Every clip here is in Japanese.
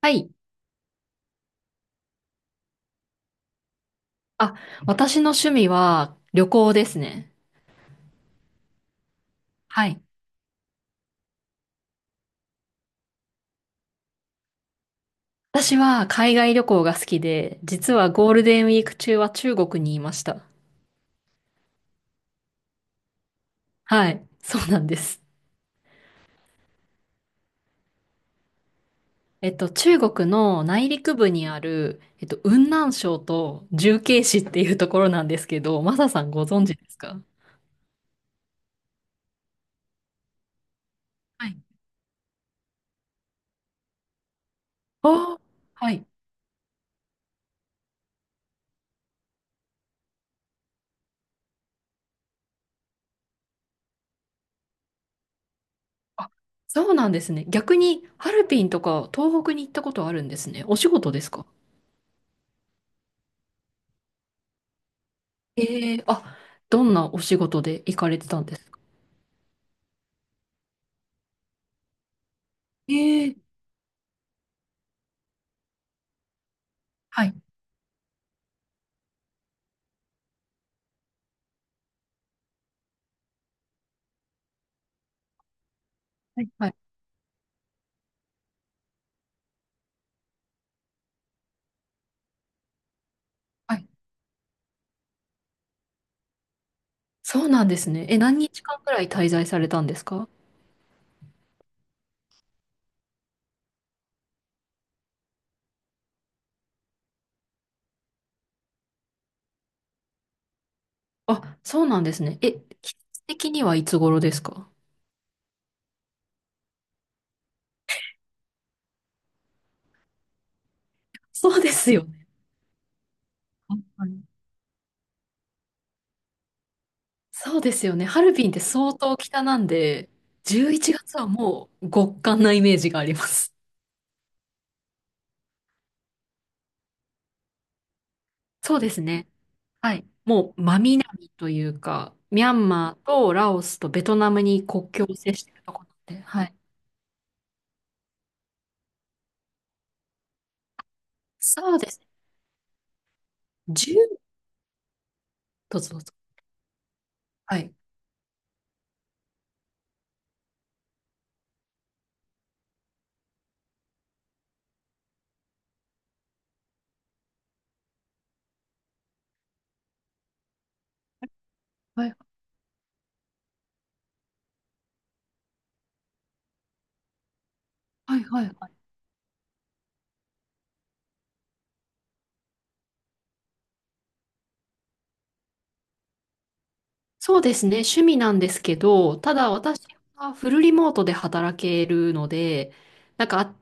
はい。あ、私の趣味は旅行ですね。はい。私は海外旅行が好きで、実はゴールデンウィーク中は中国にいました。はい。そうなんです。中国の内陸部にある、雲南省と重慶市っていうところなんですけど、マサさんご存知ですか？はい。あー、はい。あ、そうなんですね。逆に、ハルピンとか東北に行ったことあるんですね。お仕事ですか？ええー、あ、どんなお仕事で行かれてたんですか？ええ、はい、はい、はい、はい。そうなんですね。え、何日間くらい滞在されたんですか？あ、そうなんですね。え、季節的にはいつ頃ですか？そうですよね。本当にそうですよね。ハルビンって相当北なんで、11月はもう極寒なイメージがあります。そうですね。はい。もう真南というか、ミャンマーとラオスとベトナムに国境を接しているところなんで、はい。そうですね。10、どうぞどうぞ。はい。はい、はい、はい。はい。そうですね、趣味なんですけど、ただ私はフルリモートで働けるので、なんか、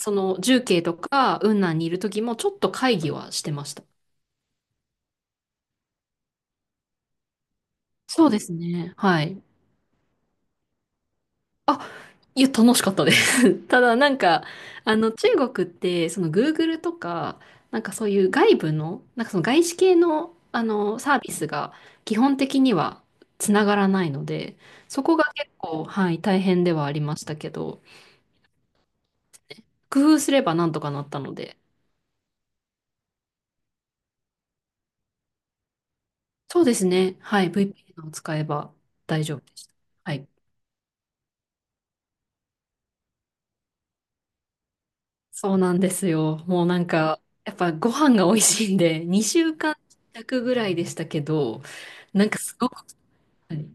その重慶とか雲南にいる時もちょっと会議はしてました。そうですね、はい。あ、いや、楽しかったです。ただなんか、あの、中国って、その Google とか、なんかそういう外部の、なんかその外資系の、あの、サービスが基本的にはつながらないので、そこが結構、はい、大変ではありましたけど、工夫すればなんとかなったので。そうですね。はい。VPN を使えば大丈夫でした。はい。そうなんですよ。もうなんか、やっぱご飯が美味しいんで、2週間弱ぐらいでしたけど、なんかすごく、はい、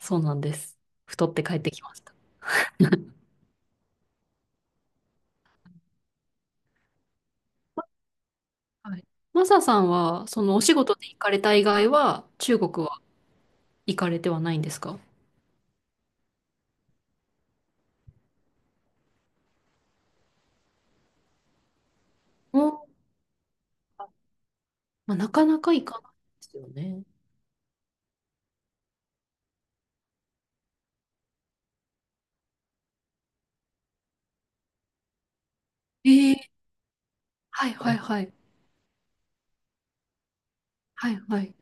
そうなんです。太って帰ってきました。はい。マサさんは、そのお仕事で行かれた以外は、中国は行かれてはないんですか？お、まあ、なかなか行かないですよね。ええ、はいはいはい。はいはい。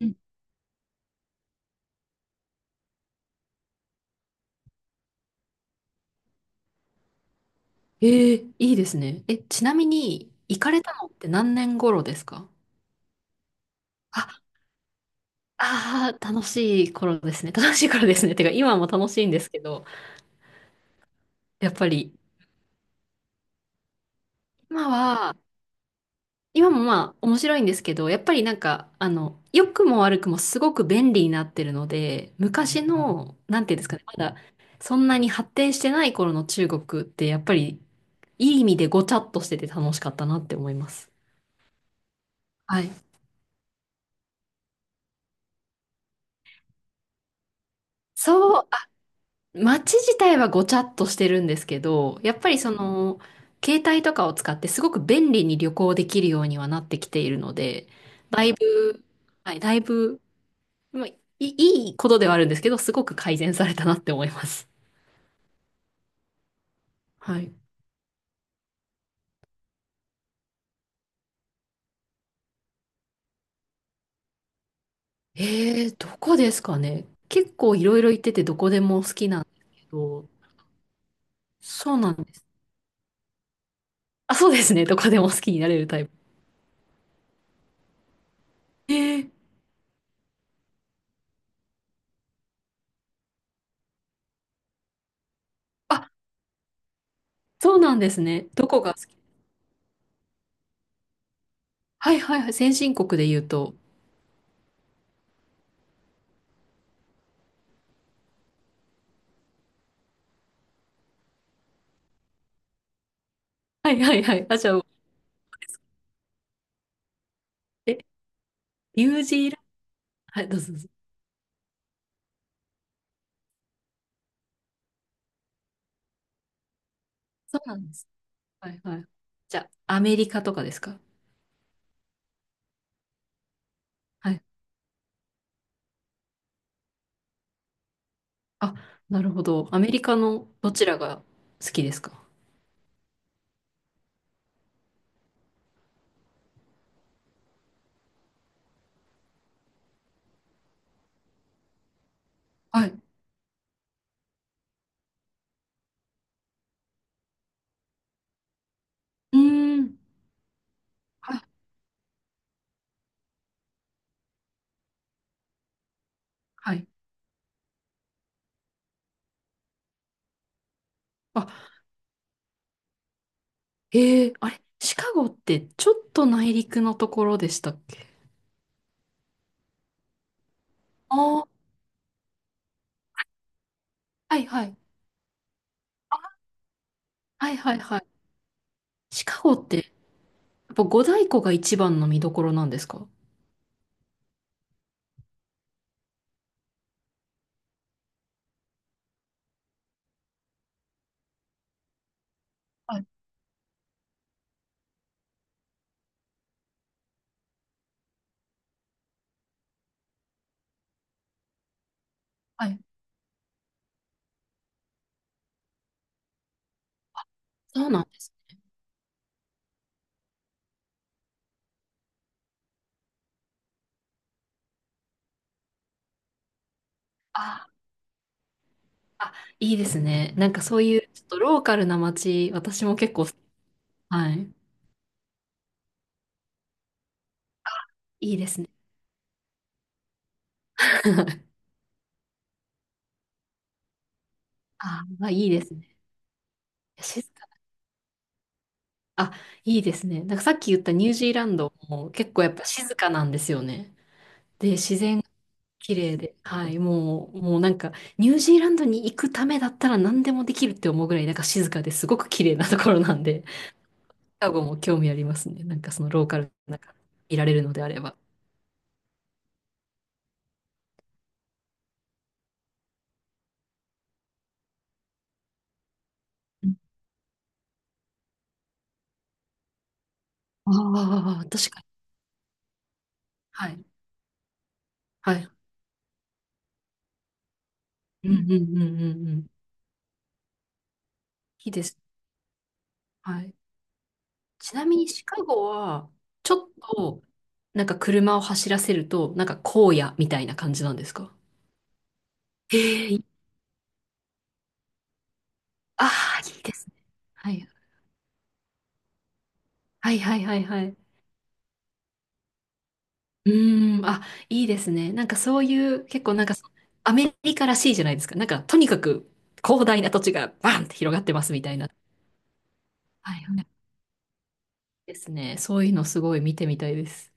うん、ええ、いいですね。え、ちなみに、行かれたのって何年頃ですか？あ、ああ、楽しい頃ですね。楽しい頃ですね。てか、今も楽しいんですけど、やっぱり、今は、今もまあ、面白いんですけど、やっぱりなんか、あの、良くも悪くもすごく便利になってるので、昔の、なんていうんですかね、まだ、そんなに発展してない頃の中国って、やっぱり、いい意味でごちゃっとしてて楽しかったなって思います。はい。そう、街自体はごちゃっとしてるんですけど、やっぱりその、携帯とかを使ってすごく便利に旅行できるようにはなってきているので、だいぶ、はい、だいぶ、まあ、いいいことではあるんですけど、すごく改善されたなって思います。はい。どこですかね。結構いろいろ行っててどこでも好きなんですけど、そうなんです。あ、そうですね。どこでも好きになれるタイプ。えー、あ、そうなんですね。どこが好き？はいはいはい。先進国で言うと。はいはいはい。あ、じゃあ、え、ニュージーランド、はい、どうぞどうぞ。そうなんです。はいはい。じゃあ、アメリカとかですか？はい。あ、なるほど。アメリカのどちらが好きですか？はい。うーん。はい。はい。あ、あれ、シカゴってちょっと内陸のところでしたっけ？ああー、はいはい。はいはいはい。シカゴって、やっぱ五大湖が一番の見どころなんですか？はいはい。そうなんです。あーあ、いいですね。なんかそういうちょっとローカルな街、私も結構好。はい。いいですね。あー、まあ、いいですね。静か。あ、いいですね。なんかさっき言ったニュージーランドも結構やっぱ静かなんですよね。で、自然が綺麗で、はい、もう、もうなんかニュージーランドに行くためだったら何でもできるって思うぐらいなんか静かですごく綺麗なところなんで、シカゴも興味ありますね。なんかそのローカルなんかいられるのであれば。うん、ああ、確かに。はい。はい。うんうんうんうんうん。いいです。はい。ちなみにシカゴは、ちょっと、なんか車を走らせると、なんか荒野みたいな感じなんですか？ええ、い、ああー、いいですね。はい。はいはいはいはい。うーん、あ、いいですね。なんかそういう、結構なんかそ、アメリカらしいじゃないですか。なんか、とにかく広大な土地がバンって広がってますみたいな。はいはい。ですね。そういうのすごい見てみたいです。